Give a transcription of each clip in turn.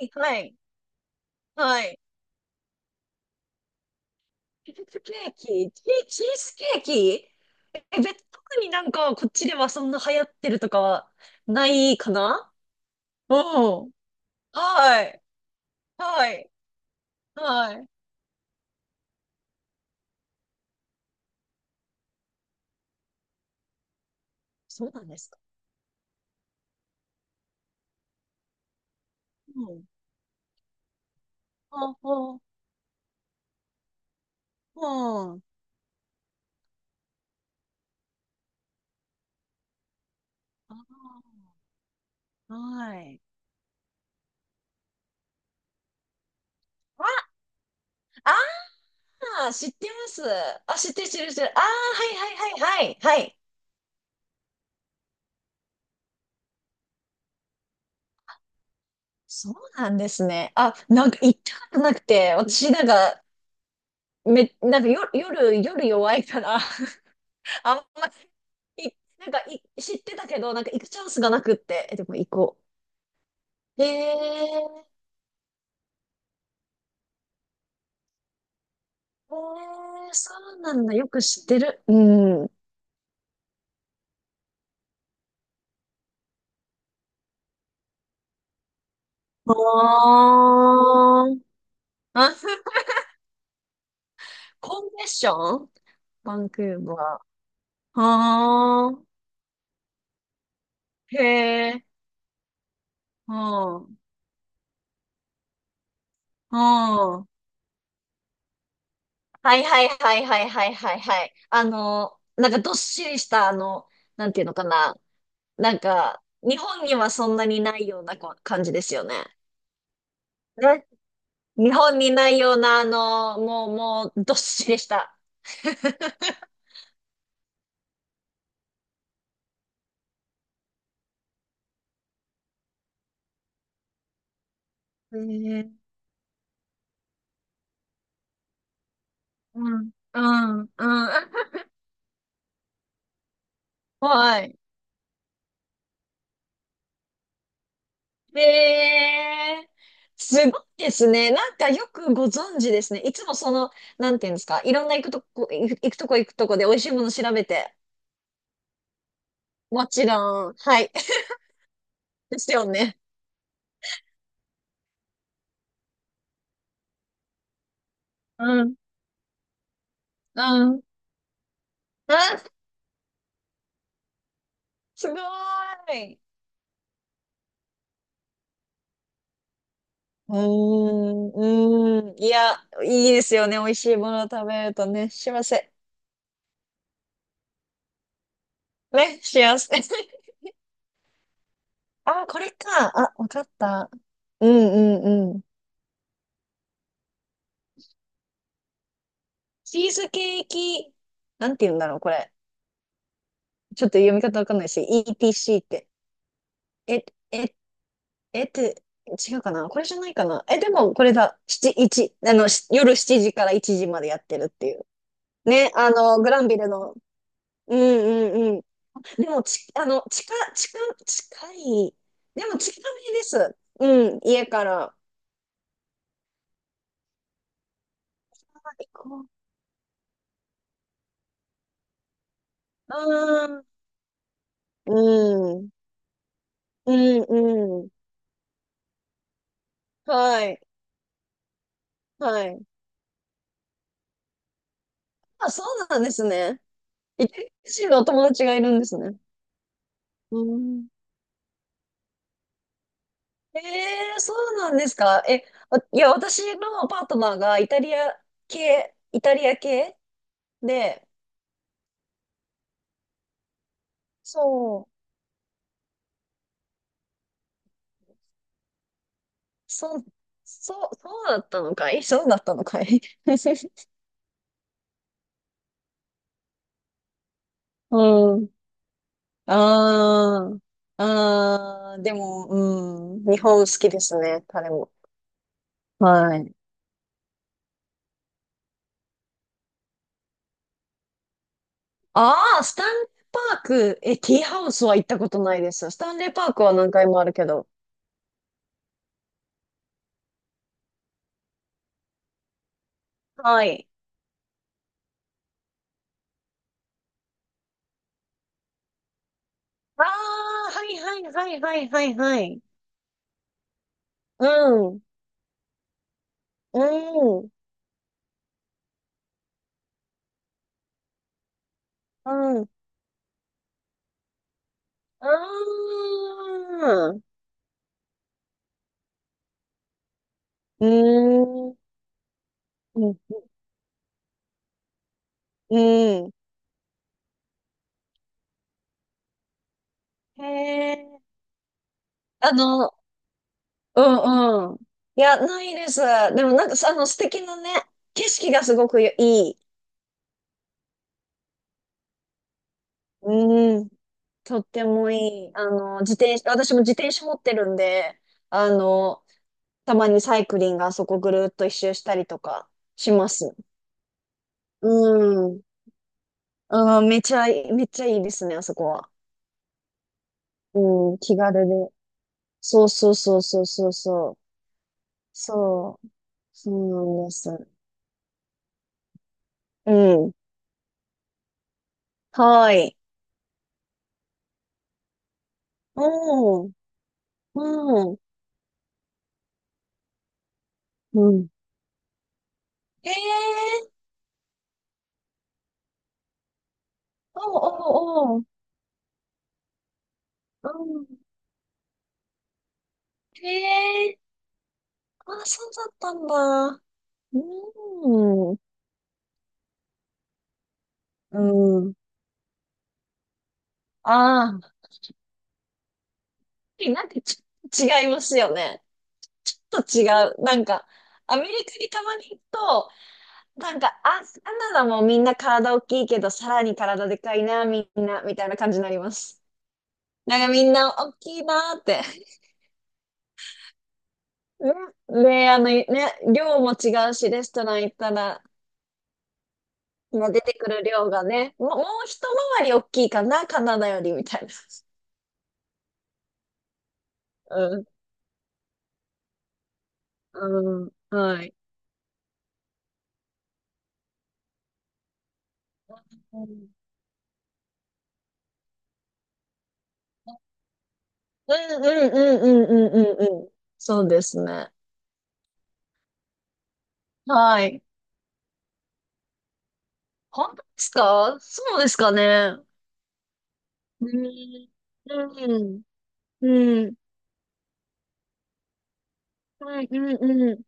はい、はい。チーズケーキ、チーズケーキ。特になんかこっちではそんな流行ってるとかはないかな。うん。はい、はい、はい。そうなんですか。うん。ああ、うん、あー、はい。あ、あー、知ってます。あ、知ってる、知ってる、知ってる。あー、はい、はい、はい、はい、はい。そうなんですね。あ、なんか行ったことなくて、私なんか、なんか夜弱いから、あんまり、いなんか知ってたけど、なんか行くチャンスがなくって、でも行こう。へえ、へえ、そうなんだ。よく知ってる。うん。あー。あ。 コンベッション。バンクーバー。あー。へえ。うん。うん。はいはいはいはいはいはいはい。あの、なんかどっしりした、あの、なんていうのかな。なんか、日本にはそんなにないような感じですよね。ね、日本にないような、あの、もう、もう、どっしりした。えー、うん、うん、うん。はい。で、すごいですね。なんかよくご存知ですね。いつもその、なんていうんですか。いろんな行くとこ、行くとこ行くとこで美味しいもの調べて。もちろん。はい。ですよね。うん、うん。あ、すごい。うーん、うーん。いや、いいですよね。美味しいものを食べるとね、幸せ。ね、幸せ。あ、これか。あ、わかった。うん、うん、うん。チーズケーキ、なんて言うんだろう、これ。ちょっと読み方わかんないし、ETC って。え、え、えって、違うかなこれじゃないかな、でもこれだ。七、一、あの、し夜7時から1時までやってるっていう。ね、あの、グランビルの。うん、うん、うん。でも、ち、あの、近、近、近い。でも近めです。うん、家から。あ、行こう。うん。うん。うん、うん。はい。はい。あ、そうなんですね。イタリア人のお友達がいるんですね。うん。ええ、そうなんですか。いや、私のパートナーがイタリア系、イタリア系で、そう。そう、そう、そうだったのかい、そうだったのかい。 うん。ああ、ああ、でも、うん。日本好きですね、彼も。はい。ああ、スタンレーパーク。ティーハウスは行ったことないです。スタンレーパークは何回もあるけど。はい。ああ、はいはいはいはいはいはい。うん。うん。うん。うーん。うーん。うん。うん、へえ。あの、うん、うん。いや、ないです。でもなんかさ、あの、素敵なね、景色がすごくいい。うん。とってもいい。あの、自転車、私も自転車持ってるんで、あの、たまにサイクリングあそこぐるっと一周したりとかします。うん。あー、めちゃいい、めっちゃいいですね、あそこは。うん、気軽で。そうそうそうそうそうそう。そう、そうなんです。うん。はい。うん、うん、うん。へえ、おうおうおう。うん。へえ、あ、そうだったんだ。うん。うん。ああ、なんか違いますよね。ちょっと違う。なんか、アメリカにたまに行くと、なんか、あ、カナダもみんな体大きいけど、さらに体でかいな、みんな、みたいな感じになります。なんかみんな大きいなーって。ね、で、あの、ね、量も違うし、レストラン行ったら、まあ出てくる量がね、もう一回り大きいかな、カナダより、みたいな。うん、うん、はい。うん、うん、うん、うん、うん、うん、うん。そうですね。はい。本当ですか、そうですかね。うん。うん。うん。うん、うん、うん。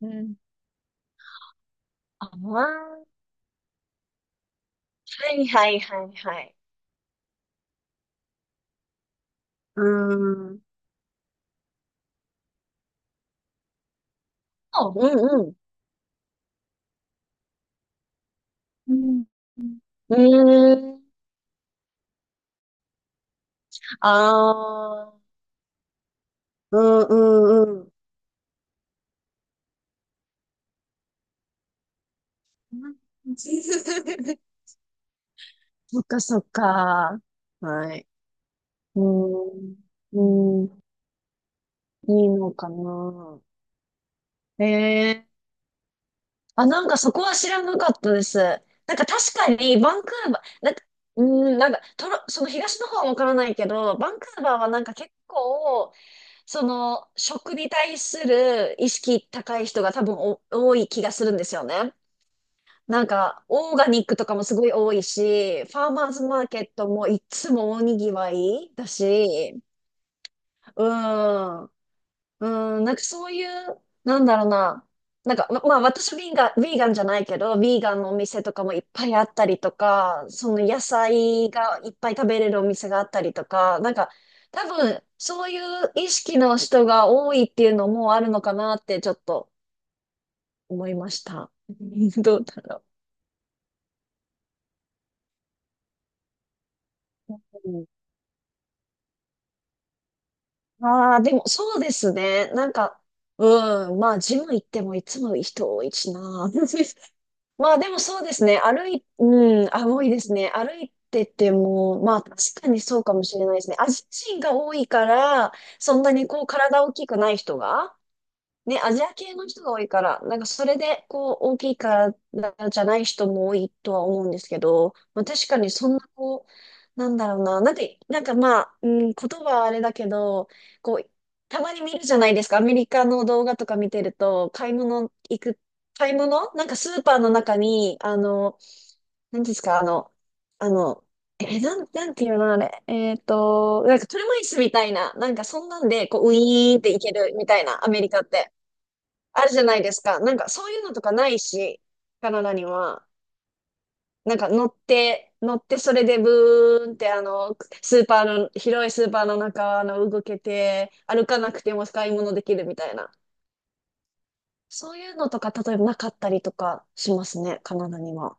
うん、ああ、はい、はい、はい、はい。うん。あ、うん、うん。うん。うん。ああ。うん、うん、うん。そっか、そっか。はい。うん。うん。いいのかな。へえ、あ、なんかそこは知らなかったです。なんか確かにバンクーバー、なんか、うん、なんかその東の方はわからないけど、バンクーバーはなんか結構、その食に対する意識高い人が多分お多い気がするんですよね。なんか、オーガニックとかもすごい多いし、ファーマーズマーケットもいつも大にぎわいだし、うん。うん、なんかそういう、なんだろうな。なんか、まあ私はヴィーガン、ヴィーガンじゃないけど、ヴィーガンのお店とかもいっぱいあったりとか、その野菜がいっぱい食べれるお店があったりとか、なんか多分そういう意識の人が多いっていうのもあるのかなってちょっと思いました。どうだろう。うん、ああ、でもそうですね。なんか、うん、まあジム行ってもいつも人多いしな。まあでもそうですね。うん、あ、多いですね。歩いてても、まあ確かにそうかもしれないですね。アジア人が多いから、そんなにこう体大きくない人が、ね、アジア系の人が多いから、なんかそれで、こう、大きいからじゃない人も多いとは思うんですけど、まあ確かにそんな、こう、なんだろうな、なんか、なんかまあ、うん、言葉はあれだけど、こう、たまに見るじゃないですか、アメリカの動画とか見てると、買い物行く、買い物なんかスーパーの中に、あの、なんですか、あの、あの、え、なん、なんていうのあれ。なんか車椅子みたいな、なんかそんなんで、こう、ウィーンって行けるみたいな、アメリカって。あるじゃないですか。なんかそういうのとかないし、カナダには。なんか乗ってそれでブーンって、あの、スーパーの、広いスーパーの中、あの、動けて、歩かなくても買い物できるみたいな。そういうのとか、例えばなかったりとかしますね、カナダには。